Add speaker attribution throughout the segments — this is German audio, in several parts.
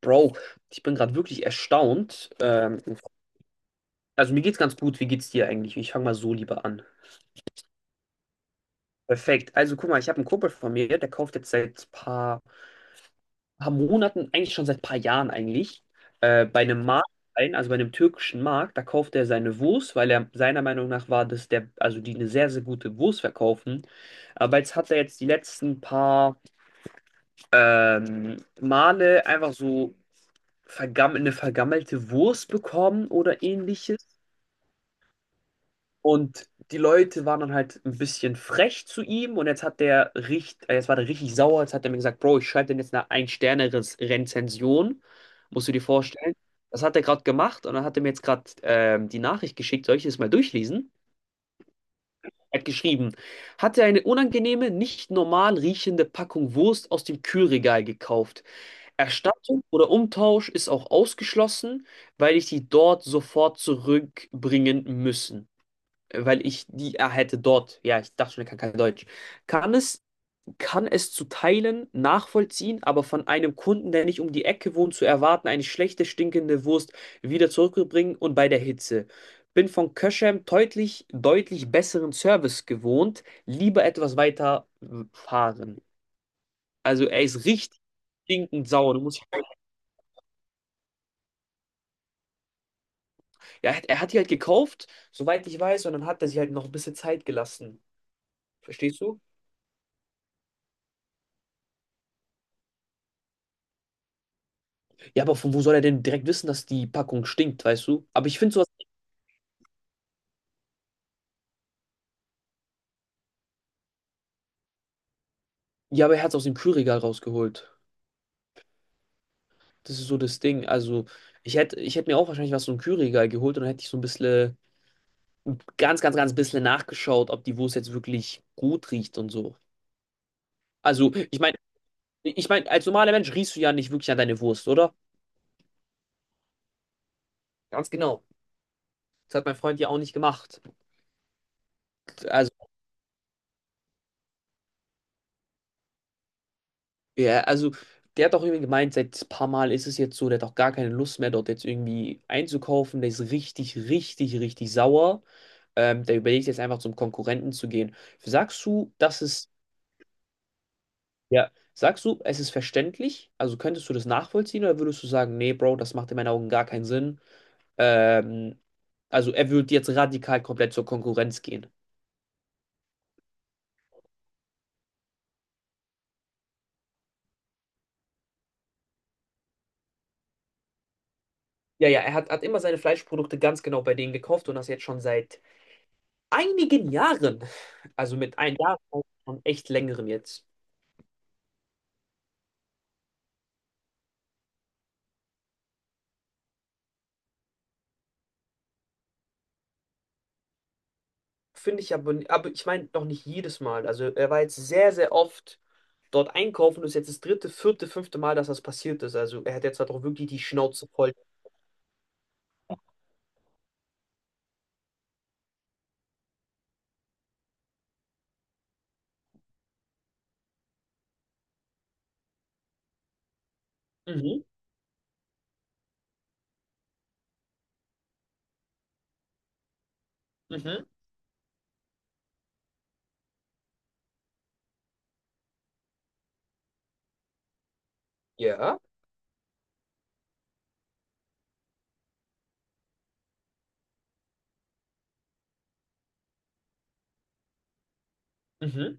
Speaker 1: Bro, ich bin gerade wirklich erstaunt. Also mir geht's ganz gut. Wie geht's dir eigentlich? Ich fange mal so lieber an. Perfekt. Also guck mal, ich habe einen Kumpel von mir, der kauft jetzt seit paar Monaten, eigentlich schon seit paar Jahren eigentlich, bei einem türkischen Markt, da kauft er seine Wurst, weil er seiner Meinung nach war, dass der, also die eine sehr, sehr gute Wurst verkaufen. Aber jetzt hat er jetzt die letzten paar Male einfach so vergam eine vergammelte Wurst bekommen oder ähnliches. Und die Leute waren dann halt ein bisschen frech zu ihm und jetzt war der richtig sauer. Jetzt hat er mir gesagt, Bro, ich schreibe dir jetzt eine Ein-Sterne-Rezension. Musst du dir vorstellen. Das hat er gerade gemacht und dann hat er mir jetzt gerade die Nachricht geschickt. Soll ich das mal durchlesen? Er hat geschrieben, hatte eine unangenehme, nicht normal riechende Packung Wurst aus dem Kühlregal gekauft. Erstattung oder Umtausch ist auch ausgeschlossen, weil ich die dort sofort zurückbringen müssen weil ich die er hätte dort. Ja, ich dachte schon, er kann kein Deutsch. Kann es, kann es zu Teilen nachvollziehen, aber von einem Kunden, der nicht um die Ecke wohnt, zu erwarten, eine schlechte, stinkende Wurst wieder zurückzubringen und bei der Hitze. Bin von Köschem deutlich, deutlich besseren Service gewohnt, lieber etwas weiter fahren. Also er ist richtig stinkend sauer. Du musst, ja, er hat die halt gekauft, soweit ich weiß, und dann hat er sich halt noch ein bisschen Zeit gelassen. Verstehst du? Ja, aber von wo soll er denn direkt wissen, dass die Packung stinkt, weißt du? Aber ich finde sowas, ja, aber er hat es aus dem Kühlregal rausgeholt. Das ist so das Ding. Also, ich hätt mir auch wahrscheinlich was so ein Kühlregal geholt und dann hätte ich so ein bisschen, ganz, ganz, ganz bisschen nachgeschaut, ob die Wurst jetzt wirklich gut riecht und so. Also, ich meine, als normaler Mensch riechst du ja nicht wirklich an deine Wurst, oder? Ganz genau. Das hat mein Freund ja auch nicht gemacht. Also, Ja, also der hat auch irgendwie gemeint, seit ein paar Mal ist es jetzt so, der hat auch gar keine Lust mehr, dort jetzt irgendwie einzukaufen. Der ist richtig, richtig, richtig sauer. Der überlegt jetzt einfach zum Konkurrenten zu gehen. Sagst du, das ist, Ja, sagst du, es ist verständlich? Also könntest du das nachvollziehen oder würdest du sagen, nee, Bro, das macht in meinen Augen gar keinen Sinn? Ähm, also er würde jetzt radikal komplett zur Konkurrenz gehen. Ja, ja, er hat immer seine Fleischprodukte ganz genau bei denen gekauft und das jetzt schon seit einigen Jahren, also mit ein Jahr schon echt längerem jetzt, finde ich aber ich meine noch nicht jedes Mal. Also er war jetzt sehr, sehr oft dort einkaufen und ist jetzt das dritte, vierte, fünfte Mal, dass das passiert ist. Also er hat jetzt halt auch wirklich die Schnauze voll. Mhm, mhm, ja, mhm.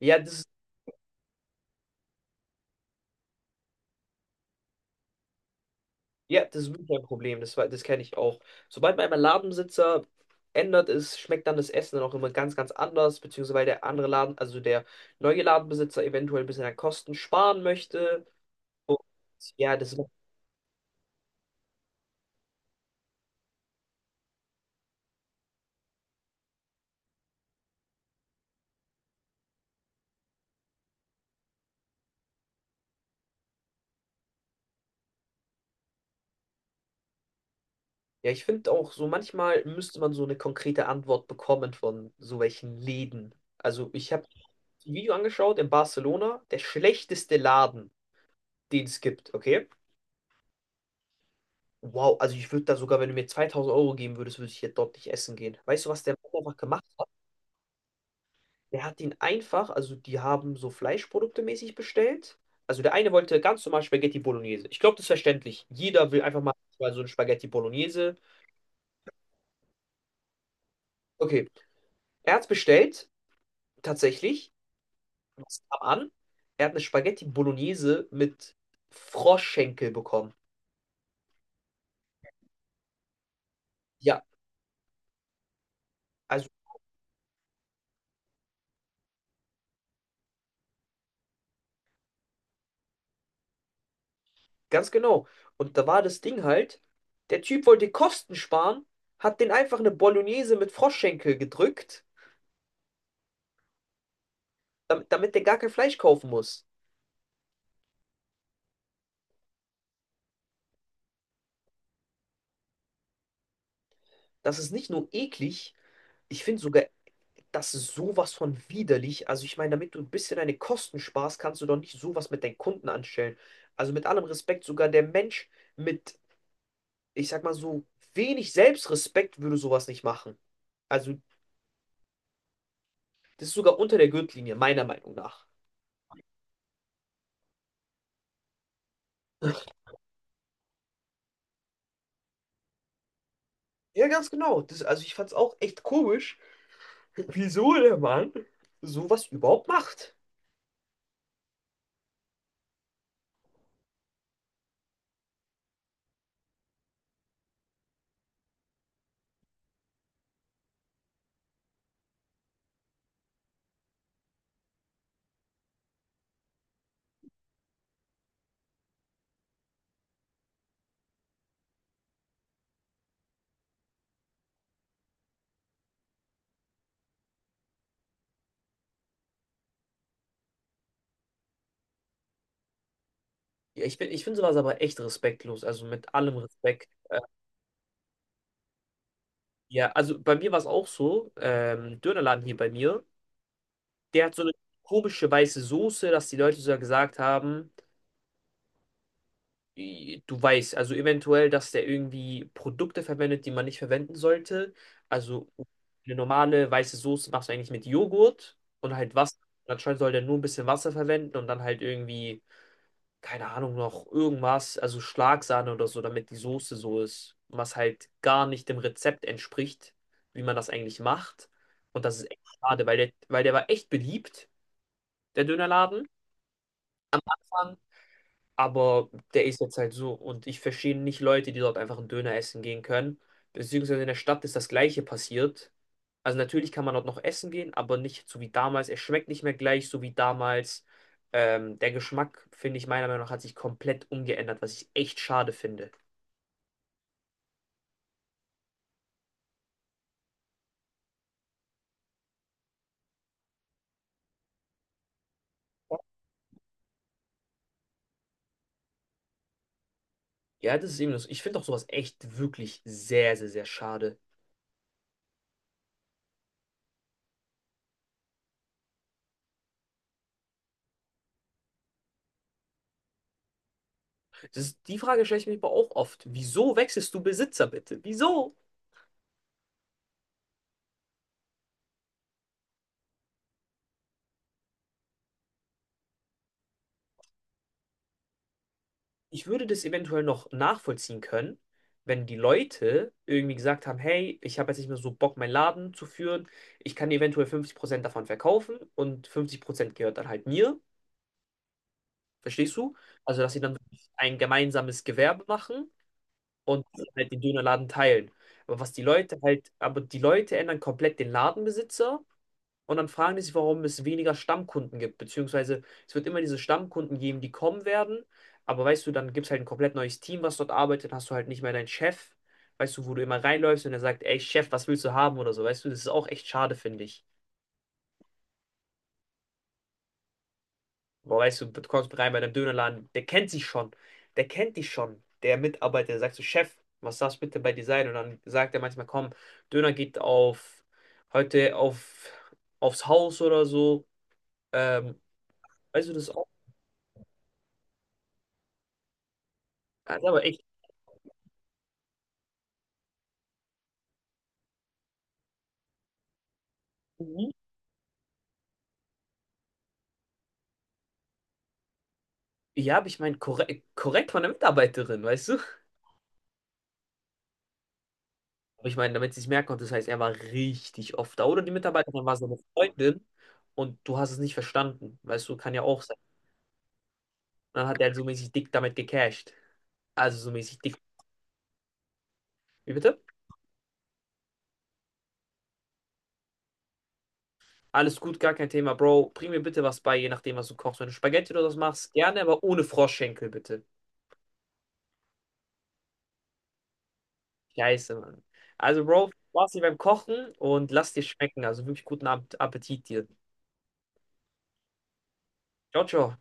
Speaker 1: Ja, das ist, ja, das ist wirklich ein Problem. Das kenne ich auch. Sobald man einmal Ladensitzer ändert ist, schmeckt dann das Essen dann auch immer ganz, ganz anders, beziehungsweise weil der andere Laden, also der neue Ladenbesitzer eventuell ein bisschen an Kosten sparen möchte. Und ja, ja, ich finde auch so, manchmal müsste man so eine konkrete Antwort bekommen von so welchen Läden. Also ich habe ein Video angeschaut in Barcelona, der schlechteste Laden, den es gibt, okay? Wow, also ich würde da sogar, wenn du mir 2000 Euro geben würdest, würde ich hier dort nicht essen gehen. Weißt du, was der Mann einfach gemacht hat? Der hat ihn einfach, also die haben so Fleischprodukte mäßig bestellt. Also der eine wollte ganz normal Spaghetti Bolognese. Ich glaube, das ist verständlich. Jeder will einfach mal so ein Spaghetti Bolognese. Okay, er hat's bestellt. Tatsächlich, was kam an? Er hat eine Spaghetti Bolognese mit Froschschenkel bekommen. Ja, also ganz genau. Und da war das Ding halt, der Typ wollte Kosten sparen, hat den einfach eine Bolognese mit Froschschenkel gedrückt, damit der gar kein Fleisch kaufen muss. Das ist nicht nur eklig, ich finde sogar, das ist sowas von widerlich. Also ich meine, damit du ein bisschen deine Kosten sparst, kannst du doch nicht sowas mit deinen Kunden anstellen. Also mit allem Respekt, sogar der Mensch mit, ich sag mal so, wenig Selbstrespekt würde sowas nicht machen. Also, das ist sogar unter der Gürtellinie, meiner Meinung nach. Ja, ganz genau. Das, also, ich fand's auch echt komisch, wieso der Mann sowas überhaupt macht. Ja, ich finde sowas aber echt respektlos, also mit allem Respekt. Ja, also bei mir war es auch so, Dönerladen hier bei mir, der hat so eine komische weiße Soße, dass die Leute sogar gesagt haben, du weißt, also eventuell, dass der irgendwie Produkte verwendet, die man nicht verwenden sollte. Also eine normale weiße Soße machst du eigentlich mit Joghurt und halt Wasser. Anscheinend soll der nur ein bisschen Wasser verwenden und dann halt irgendwie, keine Ahnung, noch irgendwas, also Schlagsahne oder so, damit die Soße so ist. Was halt gar nicht dem Rezept entspricht, wie man das eigentlich macht. Und das ist echt schade, weil der war echt beliebt, der Dönerladen. Aber der ist jetzt halt so und ich verstehe nicht Leute, die dort einfach einen Döner essen gehen können. Beziehungsweise in der Stadt ist das Gleiche passiert. Also natürlich kann man dort noch essen gehen, aber nicht so wie damals. Er schmeckt nicht mehr gleich, so wie damals. Der Geschmack, finde ich, meiner Meinung nach, hat sich komplett umgeändert, was ich echt schade finde. Ja, das ist eben das. Ich finde auch sowas echt wirklich sehr, sehr, sehr schade. Das ist, die Frage stelle ich mir aber auch oft. Wieso wechselst du Besitzer bitte? Wieso? Ich würde das eventuell noch nachvollziehen können, wenn die Leute irgendwie gesagt haben, hey, ich habe jetzt nicht mehr so Bock, meinen Laden zu führen. Ich kann eventuell 50% davon verkaufen und 50% gehört dann halt mir. Verstehst du? Also, dass sie dann ein gemeinsames Gewerbe machen und halt den Dönerladen teilen. Aber was die Leute halt, aber die Leute ändern komplett den Ladenbesitzer und dann fragen die sich, warum es weniger Stammkunden gibt, beziehungsweise es wird immer diese Stammkunden geben, die kommen werden, aber weißt du, dann gibt es halt ein komplett neues Team, was dort arbeitet, hast du halt nicht mehr deinen Chef, weißt du, wo du immer reinläufst und er sagt, ey Chef, was willst du haben oder so, weißt du, das ist auch echt schade, finde ich. Aber weißt du, du kommst rein bei deinem Dönerladen, der kennt sich schon, der kennt dich schon, der Mitarbeiter, der sagt so, Chef, was darf bitte bei dir sein? Und dann sagt er manchmal, komm, Döner geht heute aufs Haus oder so, ähm, weißt du, das ist auch, das ist aber echt. Mhm. Ja, aber ich meine, korrekt, korrekt von der Mitarbeiterin, weißt du? Aber ich meine, damit sie es merken konnte, das heißt, er war richtig oft da. Oder die Mitarbeiterin war seine Freundin und du hast es nicht verstanden. Weißt du, kann ja auch sein. Dann hat er halt so mäßig dick damit gecasht. Also so mäßig dick. Wie bitte? Alles gut, gar kein Thema, Bro. Bring mir bitte was bei, je nachdem, was du kochst. Wenn du Spaghetti oder was machst, gerne, aber ohne Froschschenkel, bitte. Scheiße, Mann. Also, Bro, viel Spaß hier beim Kochen und lass dir schmecken. Also wirklich guten Appetit dir. Ciao, ciao.